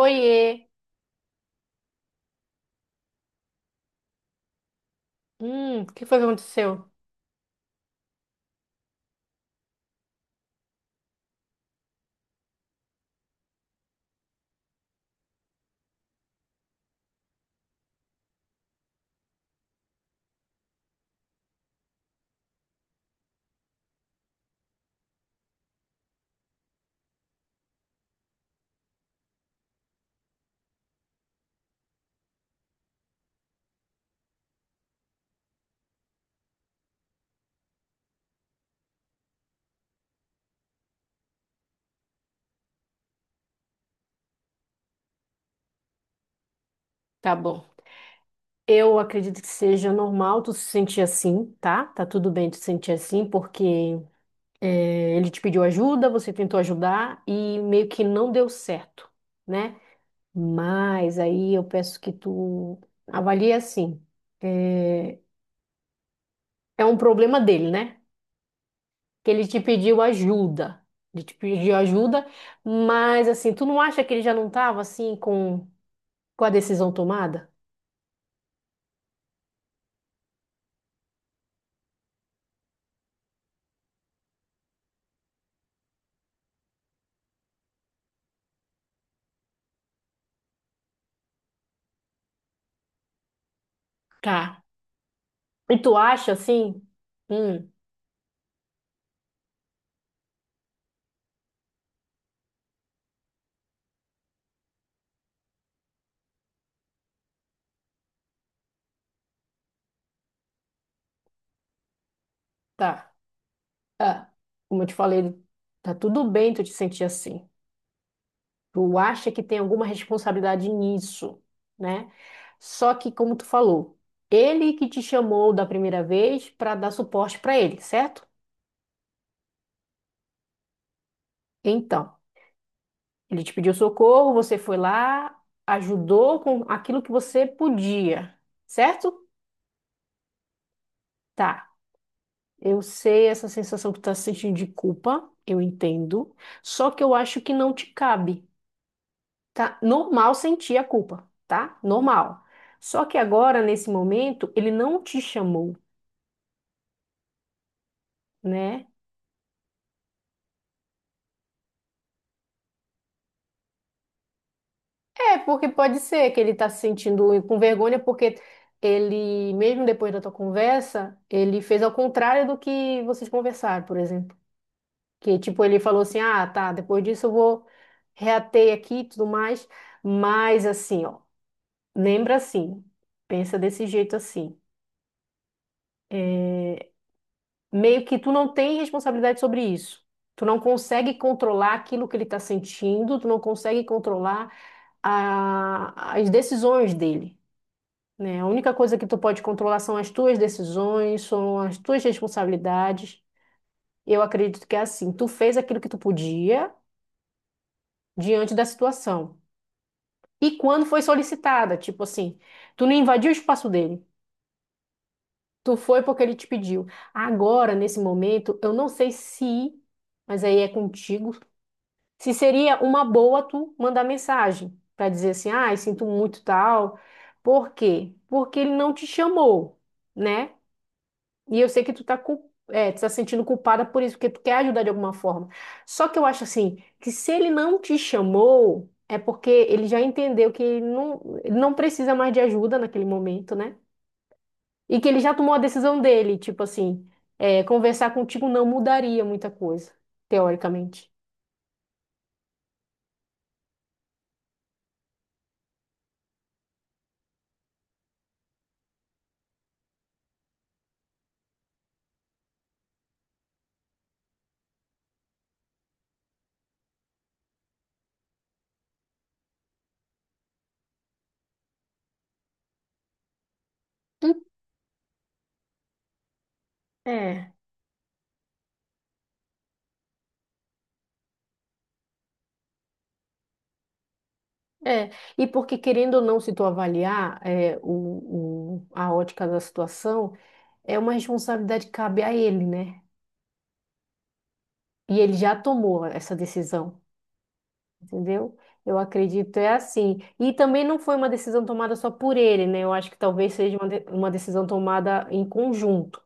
Oiê! O que foi que aconteceu? Tá bom. Eu acredito que seja normal tu se sentir assim, tá? Tá tudo bem tu se sentir assim, porque é, ele te pediu ajuda, você tentou ajudar e meio que não deu certo, né? Mas aí eu peço que tu avalie assim. É, é um problema dele, né? Que ele te pediu ajuda. Ele te pediu ajuda, mas assim, tu não acha que ele já não tava assim com a decisão tomada? Tá. E tu acha assim? Hum, tá. Ah, como eu te falei, tá tudo bem tu te sentir assim. Tu acha que tem alguma responsabilidade nisso, né? Só que, como tu falou, ele que te chamou da primeira vez para dar suporte para ele, certo? Então, ele te pediu socorro, você foi lá, ajudou com aquilo que você podia, certo? Tá. Eu sei essa sensação que tu tá sentindo de culpa, eu entendo. Só que eu acho que não te cabe. Tá? Normal sentir a culpa, tá? Normal. Só que agora, nesse momento, ele não te chamou, né? É, porque pode ser que ele tá se sentindo com vergonha, porque ele, mesmo depois da tua conversa, ele fez ao contrário do que vocês conversaram, por exemplo. Que, tipo, ele falou assim, ah, tá, depois disso eu vou reater aqui e tudo mais. Mas, assim, ó, lembra assim, pensa desse jeito assim. Meio que tu não tem responsabilidade sobre isso. Tu não consegue controlar aquilo que ele está sentindo, tu não consegue controlar as decisões dele, né? A única coisa que tu pode controlar são as tuas decisões, são as tuas responsabilidades. Eu acredito que é assim. Tu fez aquilo que tu podia diante da situação. E quando foi solicitada, tipo assim, tu não invadiu o espaço dele. Tu foi porque ele te pediu. Agora, nesse momento, eu não sei se, mas aí é contigo se seria uma boa tu mandar mensagem para dizer assim, ai, sinto muito tal. Por quê? Porque ele não te chamou, né? E eu sei que tu tá, é, tu tá sentindo culpada por isso, porque tu quer ajudar de alguma forma. Só que eu acho assim, que se ele não te chamou, é porque ele já entendeu que ele não precisa mais de ajuda naquele momento, né? E que ele já tomou a decisão dele, tipo assim, é, conversar contigo não mudaria muita coisa, teoricamente. Hum, É. É, e porque querendo ou não, se tu avaliar é, a ótica da situação, é uma responsabilidade que cabe a ele, né? E ele já tomou essa decisão, entendeu? Eu acredito, é assim. E também não foi uma decisão tomada só por ele, né? Eu acho que talvez seja uma, uma decisão tomada em conjunto.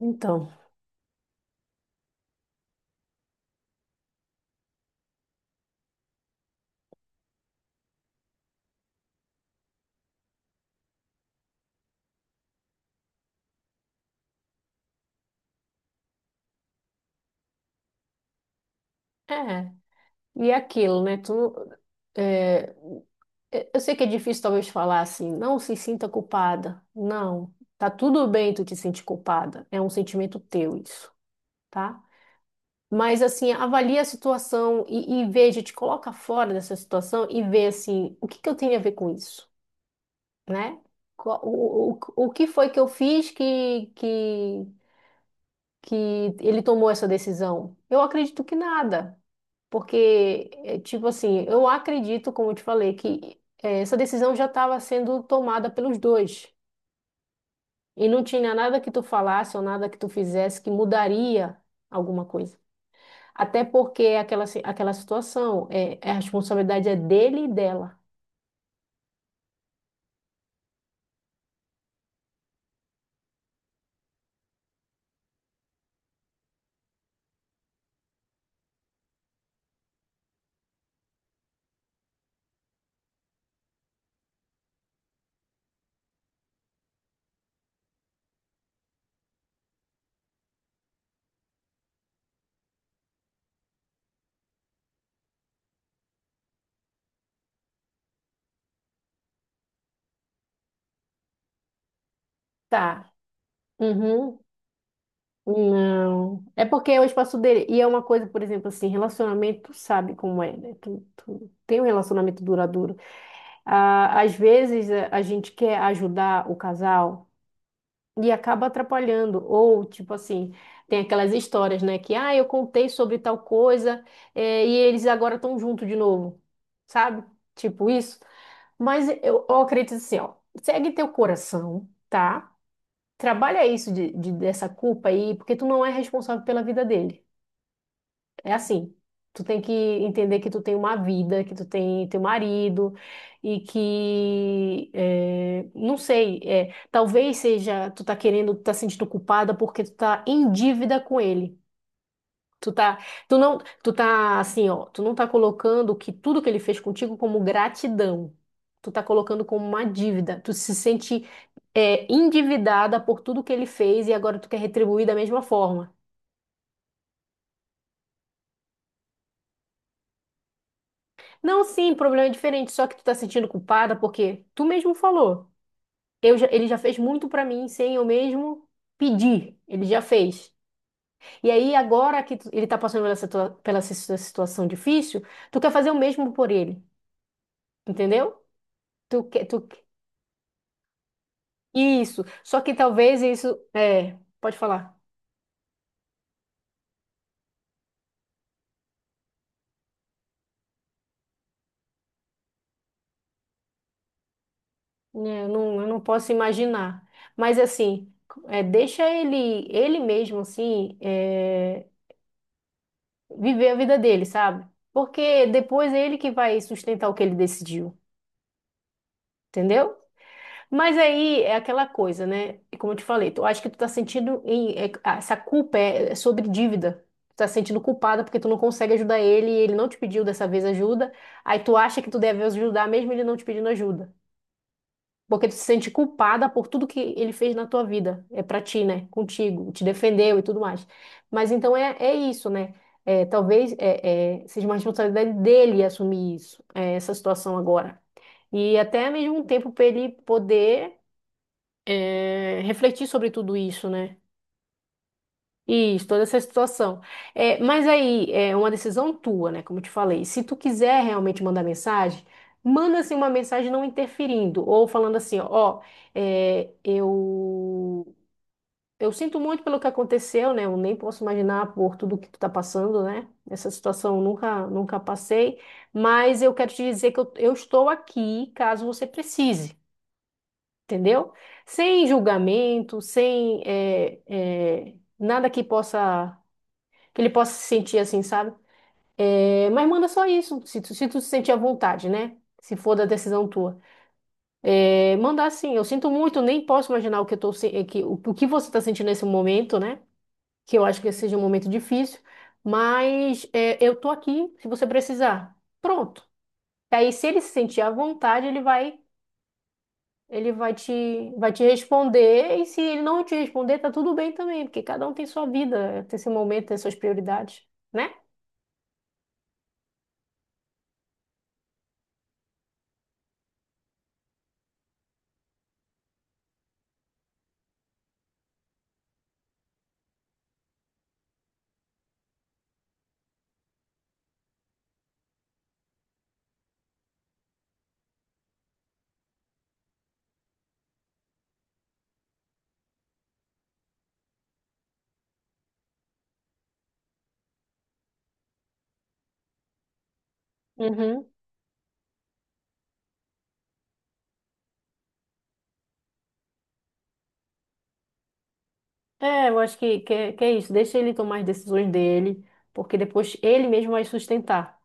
Então, é. E é aquilo, né? Tu, é, eu sei que é difícil talvez falar assim, não se sinta culpada. Não, tá tudo bem tu te sentir culpada. É um sentimento teu isso, tá? Mas assim, avalia a situação e veja, te coloca fora dessa situação e vê assim, o que que eu tenho a ver com isso, né? Qual- O, o, o que foi que eu fiz que ele tomou essa decisão? Eu acredito que nada. Porque, é, tipo assim, eu acredito, como eu te falei, que é, essa decisão já estava sendo tomada pelos dois. E não tinha nada que tu falasse ou nada que tu fizesse que mudaria alguma coisa. Até porque é aquela, aquela situação, é, é a responsabilidade é dele e dela. Tá. Uhum. Não. É porque é o espaço dele. E é uma coisa, por exemplo, assim, relacionamento, tu sabe como é, né? Tu, tu tem um relacionamento duradouro. Ah, às vezes a gente quer ajudar o casal e acaba atrapalhando. Ou, tipo assim, tem aquelas histórias, né? Que, ah, eu contei sobre tal coisa, e eles agora estão juntos de novo. Sabe? Tipo isso. Mas eu acredito assim, ó. Segue teu coração, tá? Trabalha isso dessa culpa aí, porque tu não é responsável pela vida dele. É assim, tu tem que entender que tu tem uma vida, que tu tem teu marido e que, não sei, talvez seja, tu tá querendo, tu tá sentindo culpada porque tu tá em dívida com ele. Tu tá, tu não, tu tá assim, ó, tu não tá colocando que tudo que ele fez contigo como gratidão. Tu tá colocando como uma dívida. Tu se sente, endividada por tudo que ele fez e agora tu quer retribuir da mesma forma. Não, sim, problema é diferente, só que tu tá se sentindo culpada porque tu mesmo falou. Ele já fez muito pra mim sem eu mesmo pedir. Ele já fez. E aí agora ele tá passando pela, pela situação difícil, tu quer fazer o mesmo por ele, entendeu? Tu quer, tu isso. Só que talvez isso é, pode falar. Né, eu não posso imaginar. Mas assim, é, deixa ele mesmo assim, é, viver a vida dele, sabe? Porque depois é ele que vai sustentar o que ele decidiu, entendeu? Mas aí é aquela coisa, né? E como eu te falei, tu acha que tu tá sentindo ah, essa culpa é sobre dívida. Tu tá sentindo culpada porque tu não consegue ajudar ele, e ele não te pediu dessa vez ajuda. Aí tu acha que tu deve ajudar mesmo ele não te pedindo ajuda. Porque tu se sente culpada por tudo que ele fez na tua vida. É pra ti, né? Contigo, te defendeu e tudo mais. Mas então é, é isso, né? É, talvez é, é, seja uma responsabilidade dele assumir isso, é, essa situação agora. E até mesmo um tempo para ele poder é, refletir sobre tudo isso, né? Isso, toda essa situação. É, mas aí é uma decisão tua, né? Como eu te falei. Se tu quiser realmente mandar mensagem, manda assim uma mensagem não interferindo, ou falando assim, ó, é, eu sinto muito pelo que aconteceu, né? Eu nem posso imaginar por tudo que tu tá passando, né? Essa situação eu nunca nunca passei, mas eu quero te dizer que eu estou aqui caso você precise, entendeu? Sem julgamento, sem é, é, nada que possa que ele possa se sentir assim, sabe? É, mas manda só isso, se tu, se tu se sentir à vontade, né? Se for da decisão tua. É, manda assim, eu sinto muito, nem posso imaginar o que eu tô, o que você tá sentindo nesse momento, né? Que eu acho que seja um momento difícil, mas é, eu tô aqui se você precisar. Pronto. E aí, se ele se sentir à vontade, ele vai, ele vai te, vai te responder, e se ele não te responder, tá tudo bem também, porque cada um tem sua vida, tem seu momento, tem suas prioridades, né? Uhum. É, eu acho que é isso. Deixa ele tomar as decisões dele, porque depois ele mesmo vai sustentar.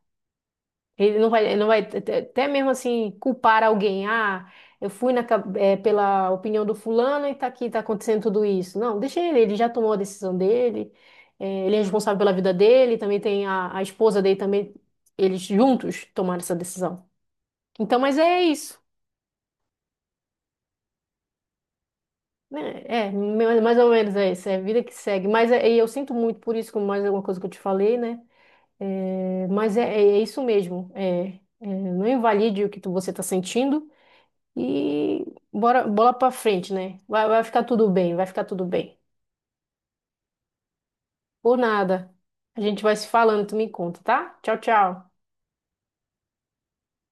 Ele não vai até mesmo assim culpar alguém. Ah, eu fui pela opinião do fulano e tá aqui, tá acontecendo tudo isso. Não, deixa ele, ele já tomou a decisão dele, ele é responsável pela vida dele, também tem a esposa dele também, eles juntos tomaram essa decisão. Então, mas é isso. Né? É, mais ou menos é isso, é a vida que segue. E eu sinto muito por isso, como mais alguma coisa que eu te falei, né? É, mas é, é isso mesmo. É, é, não invalide você está sentindo e bora, bola para frente, né? Vai, vai ficar tudo bem, vai ficar tudo bem. Por nada. A gente vai se falando, tu me conta, tá? Tchau, tchau.